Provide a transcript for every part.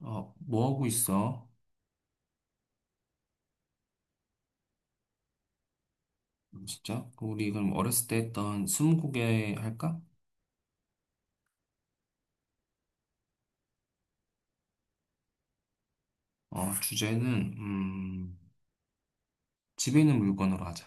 뭐 하고 있어? 진짜? 그 우리 그럼 어렸을 때 했던 스무고개 할까? 주제는, 음, 집에 있는 물건으로 하자.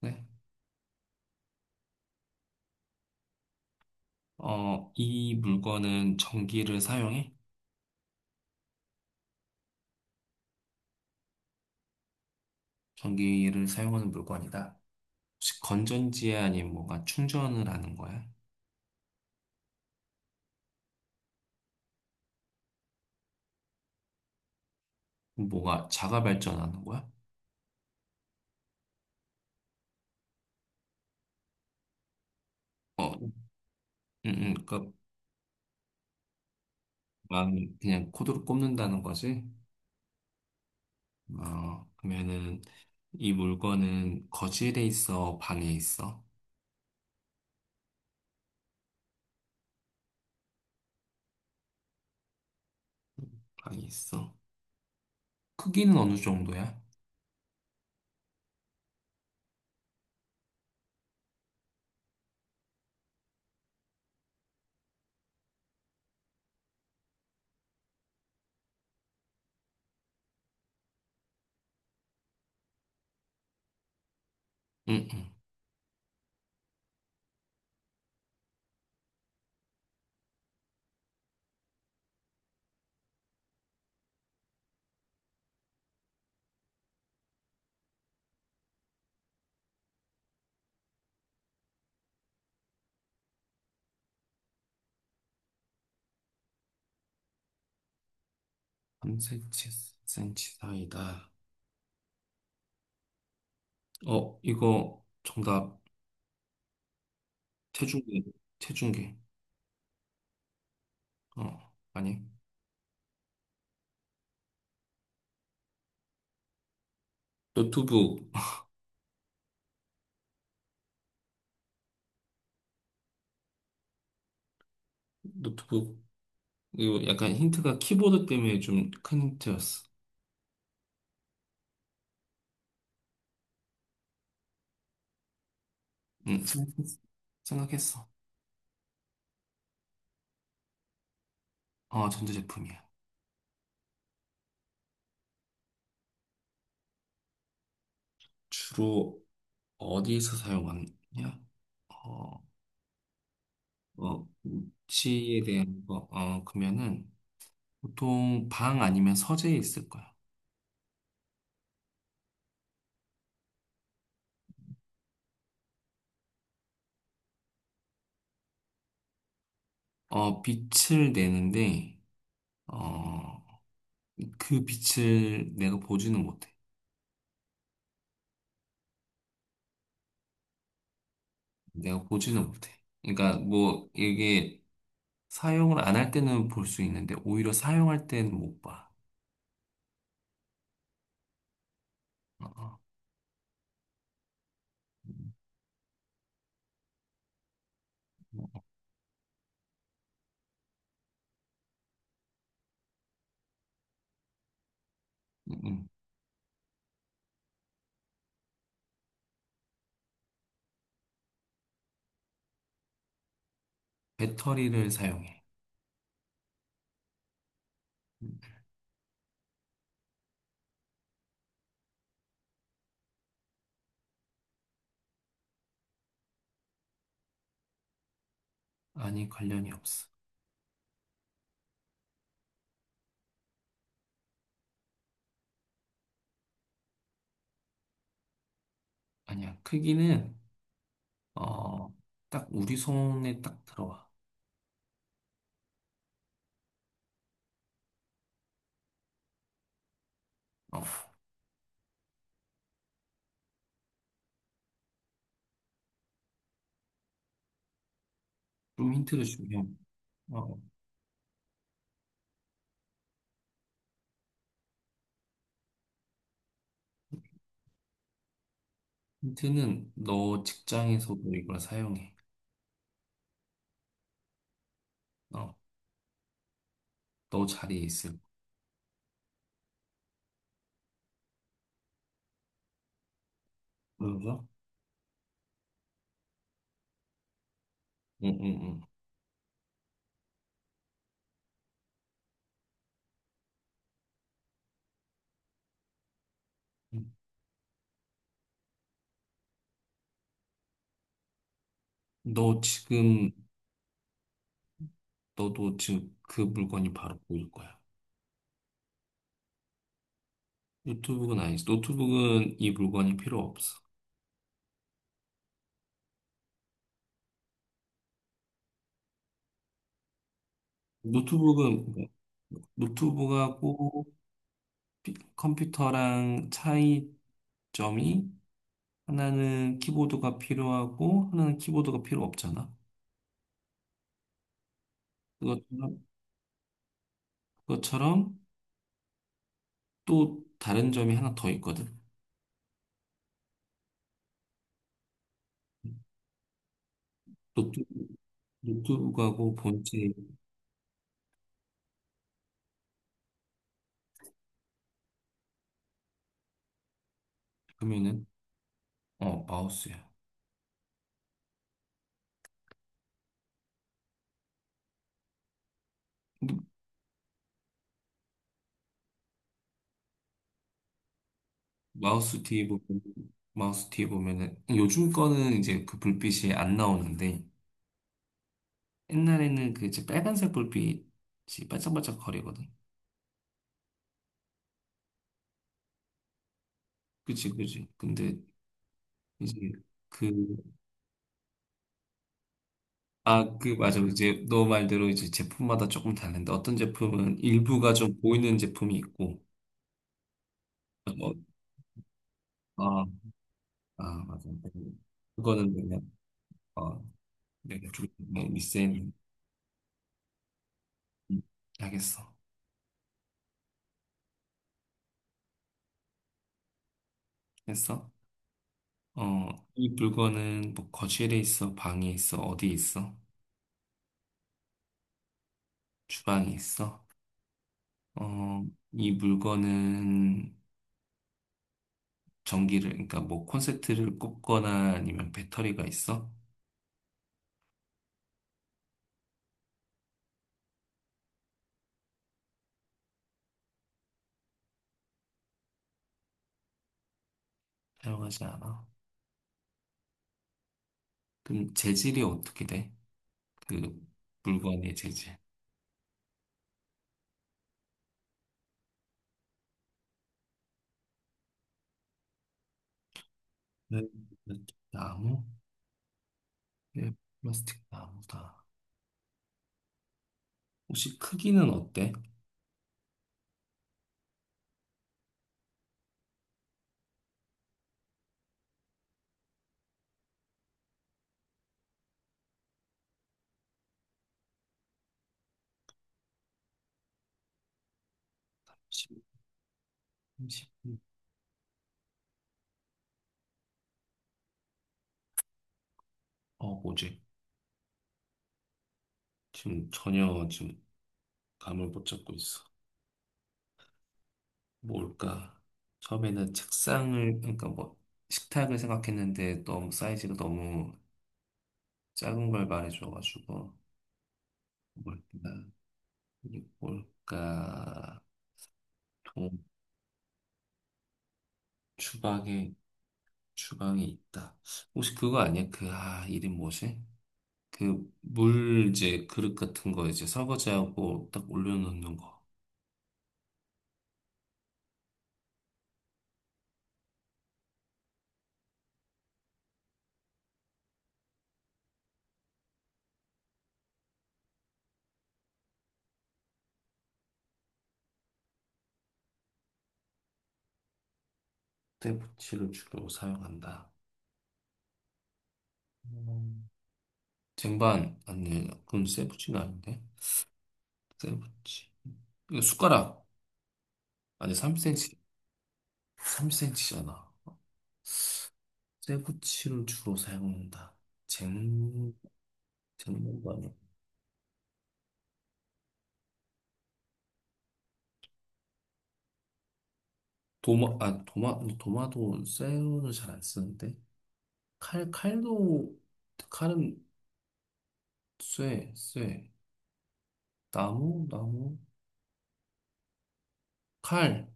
네? 이 물건은 전기를 사용해? 전기를 사용하는 물건이다. 혹시 건전지야? 아니면 뭔가 충전을 하는 거야? 뭐가 자가 발전하는 거야? 어, 음, 그러니까 막 그냥 코드로 꼽는다는 거지? 그러면은 이 물건은 거실에 있어? 방에 있어? 방에 있어? 크기는 어느 정도야? 응, 응. 3cm 사이다. 어, 이거 정답. 체중계. 체중계. 어, 아니. 노트북. 노트북. 이거 약간 힌트가 키보드 때문에 좀 큰 힌트였어. 응, 생각했어. 생각했어. 전자제품이야. 주로 어디에서 사용하냐? 어, 위치에 대한 거. 그러면은 보통 방 아니면 서재에 있을 거야. 빛을 내는데 어, 그 빛을 내가 보지는 못해. 내가 보지는 못해. 그러니까 뭐 이게 사용을 안 할 때는 볼 수 있는데 오히려 사용할 때는 못 봐. 어, 뭐, 음, 음. 배터리를 사용해. 음, 아니 관련이 없어. 아니야. 크기는 어, 딱 우리 손에 딱 들어와. 어, 좀 힌트를 주면 어, 힌트는 너 직장에서도 이걸 사용해. 어, 너 자리에 있을. 거야. 그래서? 응, 응, 응. 너 지금 너도 지금 그 물건이 바로 보일 거야. 노트북은 아니지. 노트북은 이 물건이 필요 없어. 노트북은 뭐, 노트북하고 피- 컴퓨터랑 차이점이 하나는 키보드가 필요하고 하나는 키보드가 필요 없잖아. 그것처럼, 그것처럼 또 다른 점이 하나 더 있거든. 노트, 노트북하고 본체의 금면은 마우스야. 마우스 뒤에 보면, 마우스 뒤에 보면은, 요즘 거는 이제 그 불빛이 안 나오는데, 옛날에는 그 이제 빨간색 불빛이 반짝반짝 거리거든. 그치, 그치. 근데 이제 그, 아, 그, 맞아. 이제 너 말대로 이제 제품마다 조금 다른데, 어떤 제품은 일부가 좀 보이는 제품이 있고, 뭐, 아, 아, 맞아. 그거는 내가, 어, 내가 조금 리센 하겠어. 했어? 어, 이 물건은 뭐 거실에 있어, 방에 있어, 어디 있어, 주방에 있어. 어, 이 물건은 전기를, 그러니까 뭐 콘센트를 꽂거나 아니면 배터리가 있어? 사용하지 않아. 그럼 재질이 어떻게 돼? 그 물건의 재질. 네, 플라스틱 나무? 네, 플라스틱 나무다. 혹시 크기는 어때? 십, 삼십. 어, 뭐지? 지금 전혀 지금 감을 못 잡고 있어. 뭘까? 처음에는 책상을, 그러니까 뭐, 식탁을 생각했는데 너무 사이즈가 너무 작은 걸 말해줘가지고, 뭘까? 이게 뭘까? 동, 주방에, 주방에 있다. 혹시 그거 아니야? 그, 아, 이름 뭐지? 그, 물, 이제, 그릇 같은 거 이제 설거지하고 딱 올려놓는 거. 쇠붙이를 주로 사용한다. 음. 쟁반, 아니, 그건 쇠붙이가 아닌데? 쇠붙이. 이거 숟가락. 아니, 3cm, 3cm잖아. 쇠붙이를 주로 사용한다. 쟁, 쟁반도 아니야. 도마, 아, 도마, 도마도 쇠는 잘 안 쓰는데. 칼, 칼도, 칼은 쇠, 쇠. 나무, 나무. 칼.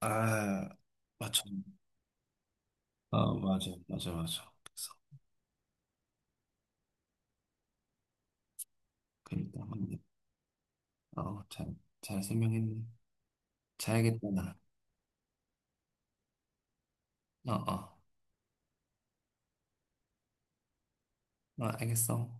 아, 맞죠. 아, 맞아, 맞아, 맞아. 그래서, 그러니까, 맞네. 아, 잘, 잘 설명했네. 자야겠다, 나. 아, 아, 아, 알겠어.